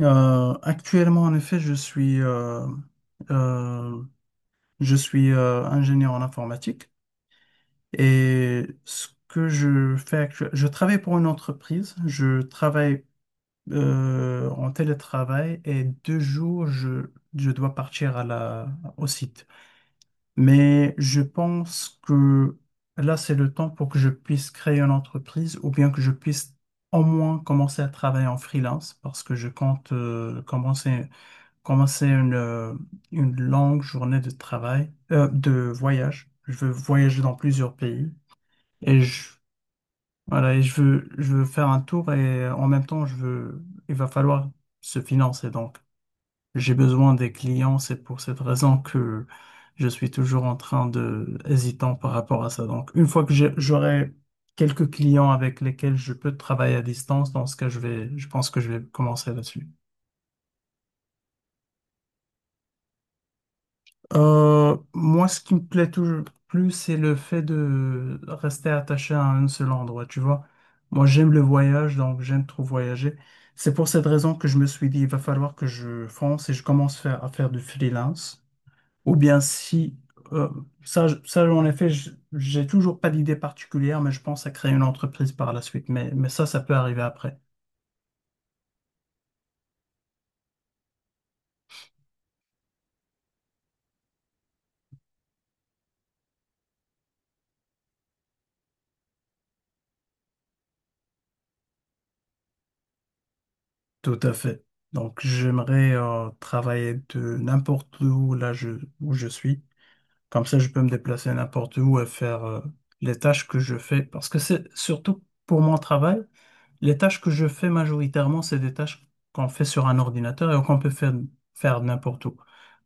Actuellement, en effet, euh, je suis ingénieur en informatique et ce que je fais actuellement, je travaille pour une entreprise, je travaille en télétravail et deux jours, je dois partir à la, au site. Mais je pense que là, c'est le temps pour que je puisse créer une entreprise ou bien que je puisse au moins commencer à travailler en freelance parce que je compte commencer commencer une longue journée de travail, de voyage. Je veux voyager dans plusieurs pays et je, voilà, et je veux faire un tour et en même temps, je veux, il va falloir se financer. Donc, j'ai besoin des clients. C'est pour cette raison que je suis toujours en train de, hésitant par rapport à ça. Donc, une fois que j'aurai quelques clients avec lesquels je peux travailler à distance, dans ce cas, je vais, je pense que je vais commencer là-dessus. Moi, ce qui me plaît toujours plus, c'est le fait de rester attaché à un seul endroit, tu vois. Moi, j'aime le voyage, donc j'aime trop voyager. C'est pour cette raison que je me suis dit, il va falloir que je fonce et je commence à faire du freelance. Ou bien si, euh, ça, ça, en effet, j'ai toujours pas d'idée particulière, mais je pense à créer une entreprise par la suite. Mais ça, ça peut arriver après. Tout à fait. Donc, j'aimerais, travailler de n'importe où, là, je, où je suis. Comme ça, je peux me déplacer n'importe où et faire les tâches que je fais. Parce que c'est surtout pour mon travail, les tâches que je fais majoritairement, c'est des tâches qu'on fait sur un ordinateur et qu'on peut faire, faire n'importe où.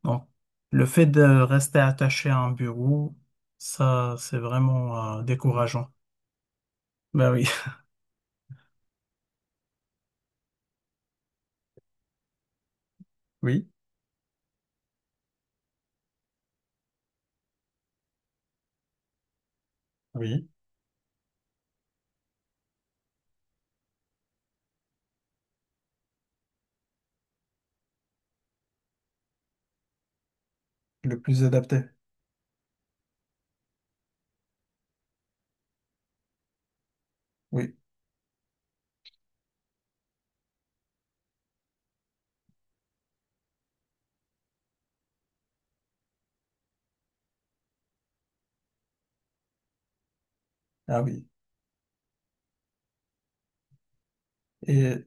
Donc, le fait de rester attaché à un bureau, ça, c'est vraiment décourageant. Ben oui. Oui, oui. Le plus adapté. Oui. Ah oui. Et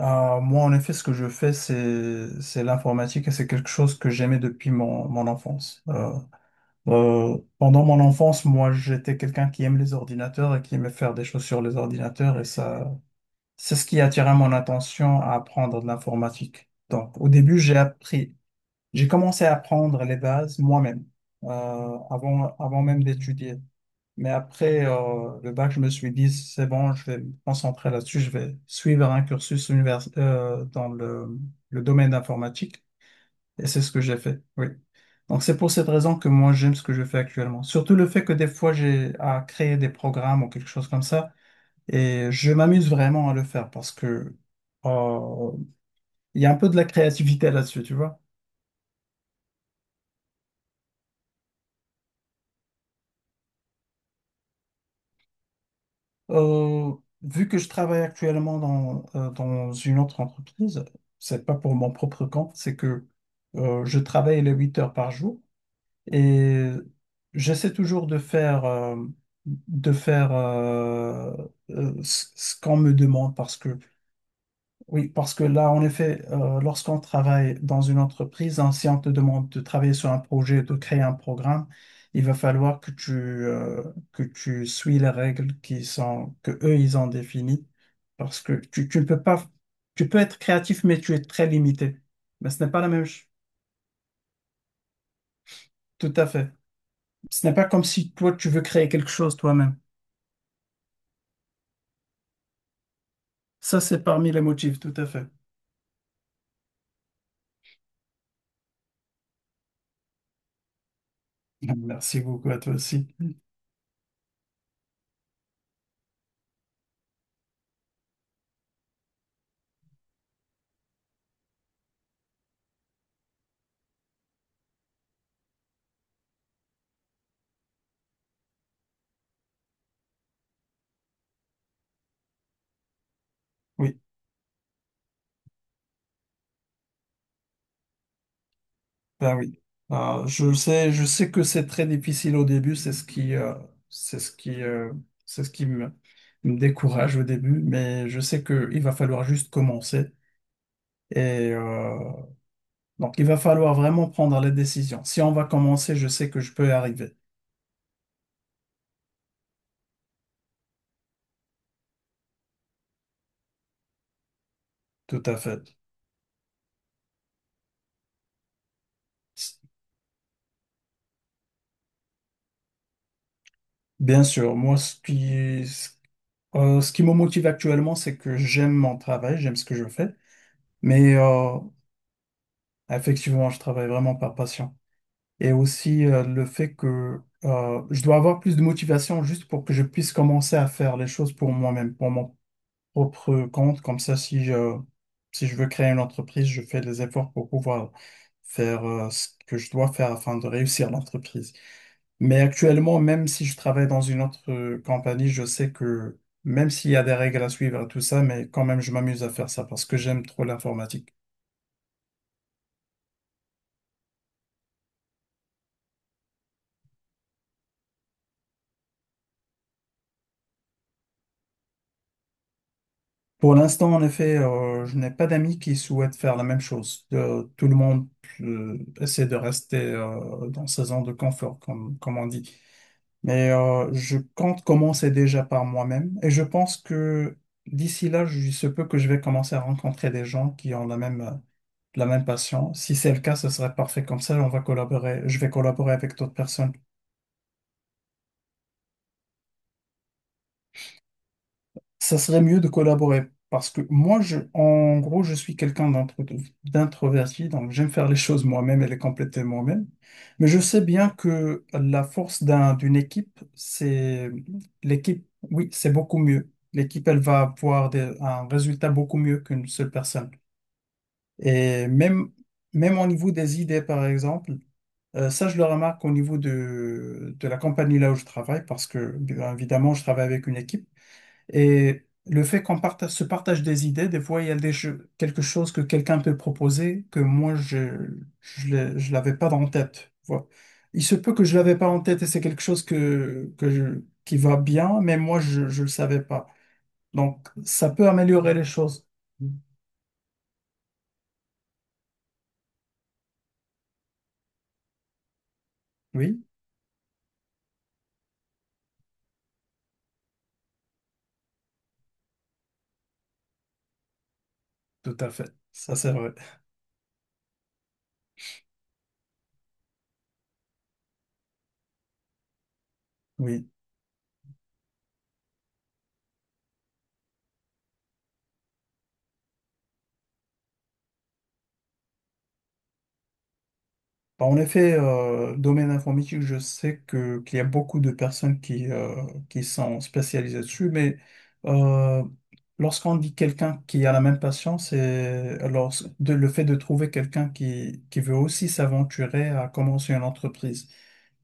moi, en effet, ce que je fais, c'est l'informatique et c'est quelque chose que j'aimais depuis mon, mon enfance. Pendant mon enfance, moi, j'étais quelqu'un qui aime les ordinateurs et qui aimait faire des choses sur les ordinateurs et ça, c'est ce qui attirait mon attention à apprendre de l'informatique. Donc, au début, j'ai appris, j'ai commencé à apprendre les bases moi-même, euh, avant, avant même d'étudier. Mais après le bac, je me suis dit, c'est bon, je vais me concentrer là-dessus, je vais suivre un cursus dans le domaine informatique. Et c'est ce que j'ai fait, oui. Donc c'est pour cette raison que moi j'aime ce que je fais actuellement. Surtout le fait que des fois j'ai à créer des programmes ou quelque chose comme ça et je m'amuse vraiment à le faire parce que euh, il y a un peu de la créativité là-dessus, tu vois. Euh, Vu que je travaille actuellement dans, dans une autre entreprise, c'est pas pour mon propre compte, c'est que je travaille les 8 heures par jour. Et j'essaie toujours de faire ce qu'on me demande parce que, oui, parce que là, en effet, lorsqu'on travaille dans une entreprise, hein, si on te demande de travailler sur un projet, de créer un programme, il va falloir que tu suis les règles qui sont, que eux, ils ont définies parce que tu ne peux pas, tu peux être créatif, mais tu es très limité. Mais ce n'est pas la même chose. Tout à fait. Ce n'est pas comme si toi, tu veux créer quelque chose toi-même. Ça, c'est parmi les motifs, tout à fait. Merci beaucoup à toi aussi. Oui, ben oui. Je sais, je sais que c'est très difficile au début, c'est ce qui, c'est ce qui, c'est ce qui me, me décourage au début, mais je sais que il va falloir juste commencer. Et donc, il va falloir vraiment prendre les décisions. Si on va commencer, je sais que je peux y arriver. Tout à fait. Bien sûr, moi, ce qui, ce ce qui me motive actuellement, c'est que j'aime mon travail, j'aime ce que je fais, mais effectivement, je travaille vraiment par passion. Et aussi le fait que je dois avoir plus de motivation juste pour que je puisse commencer à faire les choses pour moi-même, pour mon propre compte. Comme ça, si je, si je veux créer une entreprise, je fais des efforts pour pouvoir faire ce que je dois faire afin de réussir l'entreprise. Mais actuellement, même si je travaille dans une autre compagnie, je sais que même s'il y a des règles à suivre et tout ça, mais quand même, je m'amuse à faire ça parce que j'aime trop l'informatique. Pour l'instant, en effet, je n'ai pas d'amis qui souhaitent faire la même chose. Tout le monde essaie de rester dans sa zone de confort, comme, comme on dit. Mais je compte commencer déjà par moi-même et je pense que d'ici là, il se peut que je vais commencer à rencontrer des gens qui ont la même passion. Si c'est le cas, ce serait parfait comme ça, on va collaborer, je vais collaborer avec d'autres personnes. Ça serait mieux de collaborer parce que moi, je, en gros, je suis quelqu'un d'introverti, donc j'aime faire les choses moi-même et les compléter moi-même. Mais je sais bien que la force d'un, d'une équipe, c'est l'équipe, oui, c'est beaucoup mieux. L'équipe, elle va avoir un résultat beaucoup mieux qu'une seule personne. Et même, même au niveau des idées, par exemple. Ça, je le remarque au niveau de la compagnie là où je travaille, parce que, bien évidemment, je travaille avec une équipe. Et le fait qu'on partage, se partage des idées, des fois, il y a quelque chose que quelqu'un peut proposer que moi, je je l'avais pas en tête. Voilà. Il se peut que je l'avais pas en tête et c'est quelque chose que, qui va bien, mais moi, je ne le savais pas. Donc, ça peut améliorer les choses. Oui, tout à fait. Ça, c'est vrai. Oui. Bah, en effet, domaine informatique, je sais que qu'il y a beaucoup de personnes qui sont spécialisées dessus, mais euh, lorsqu'on dit quelqu'un qui a la même passion, c'est alors le fait de trouver quelqu'un qui veut aussi s'aventurer à commencer une entreprise.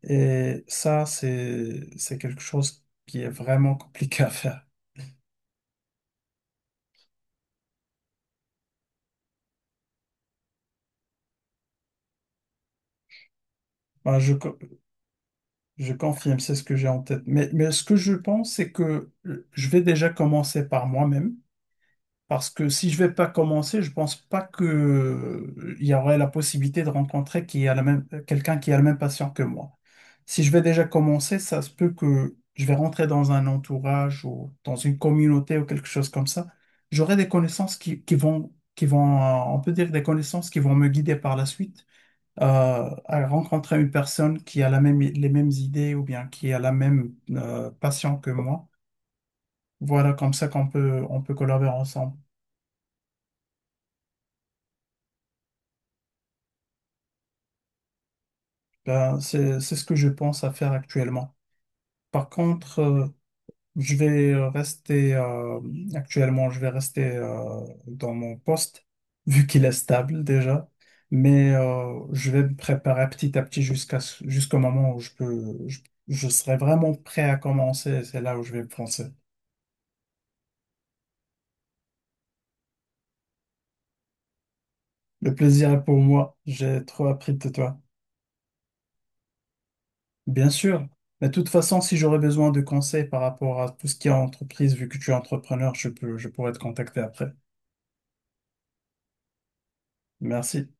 Et ça, c'est quelque chose qui est vraiment compliqué à faire. Bah, je, co- je confirme, c'est ce que j'ai en tête. Mais ce que je pense, c'est que je vais déjà commencer par moi-même. Parce que si je vais pas commencer, je pense pas que il y aurait la possibilité de rencontrer qui a la même quelqu'un qui a la même passion que moi. Si je vais déjà commencer, ça se peut que je vais rentrer dans un entourage ou dans une communauté ou quelque chose comme ça. J'aurai des connaissances qui vont on peut dire des connaissances qui vont me guider par la suite à rencontrer une personne qui a la même les mêmes idées ou bien qui a la même passion que moi. Voilà, comme ça qu'on peut on peut collaborer ensemble. Ben, c'est ce que je pense à faire actuellement. Par contre, je vais rester, actuellement, je vais rester dans mon poste, vu qu'il est stable déjà. Mais je vais me préparer petit à petit jusqu'à, jusqu'au moment où je peux, je serai vraiment prêt à commencer. Et c'est là où je vais me lancer. Le plaisir est pour moi. J'ai trop appris de toi. Bien sûr. Mais de toute façon, si j'aurais besoin de conseils par rapport à tout ce qui est entreprise, vu que tu es entrepreneur, je peux, je pourrais te contacter après. Merci.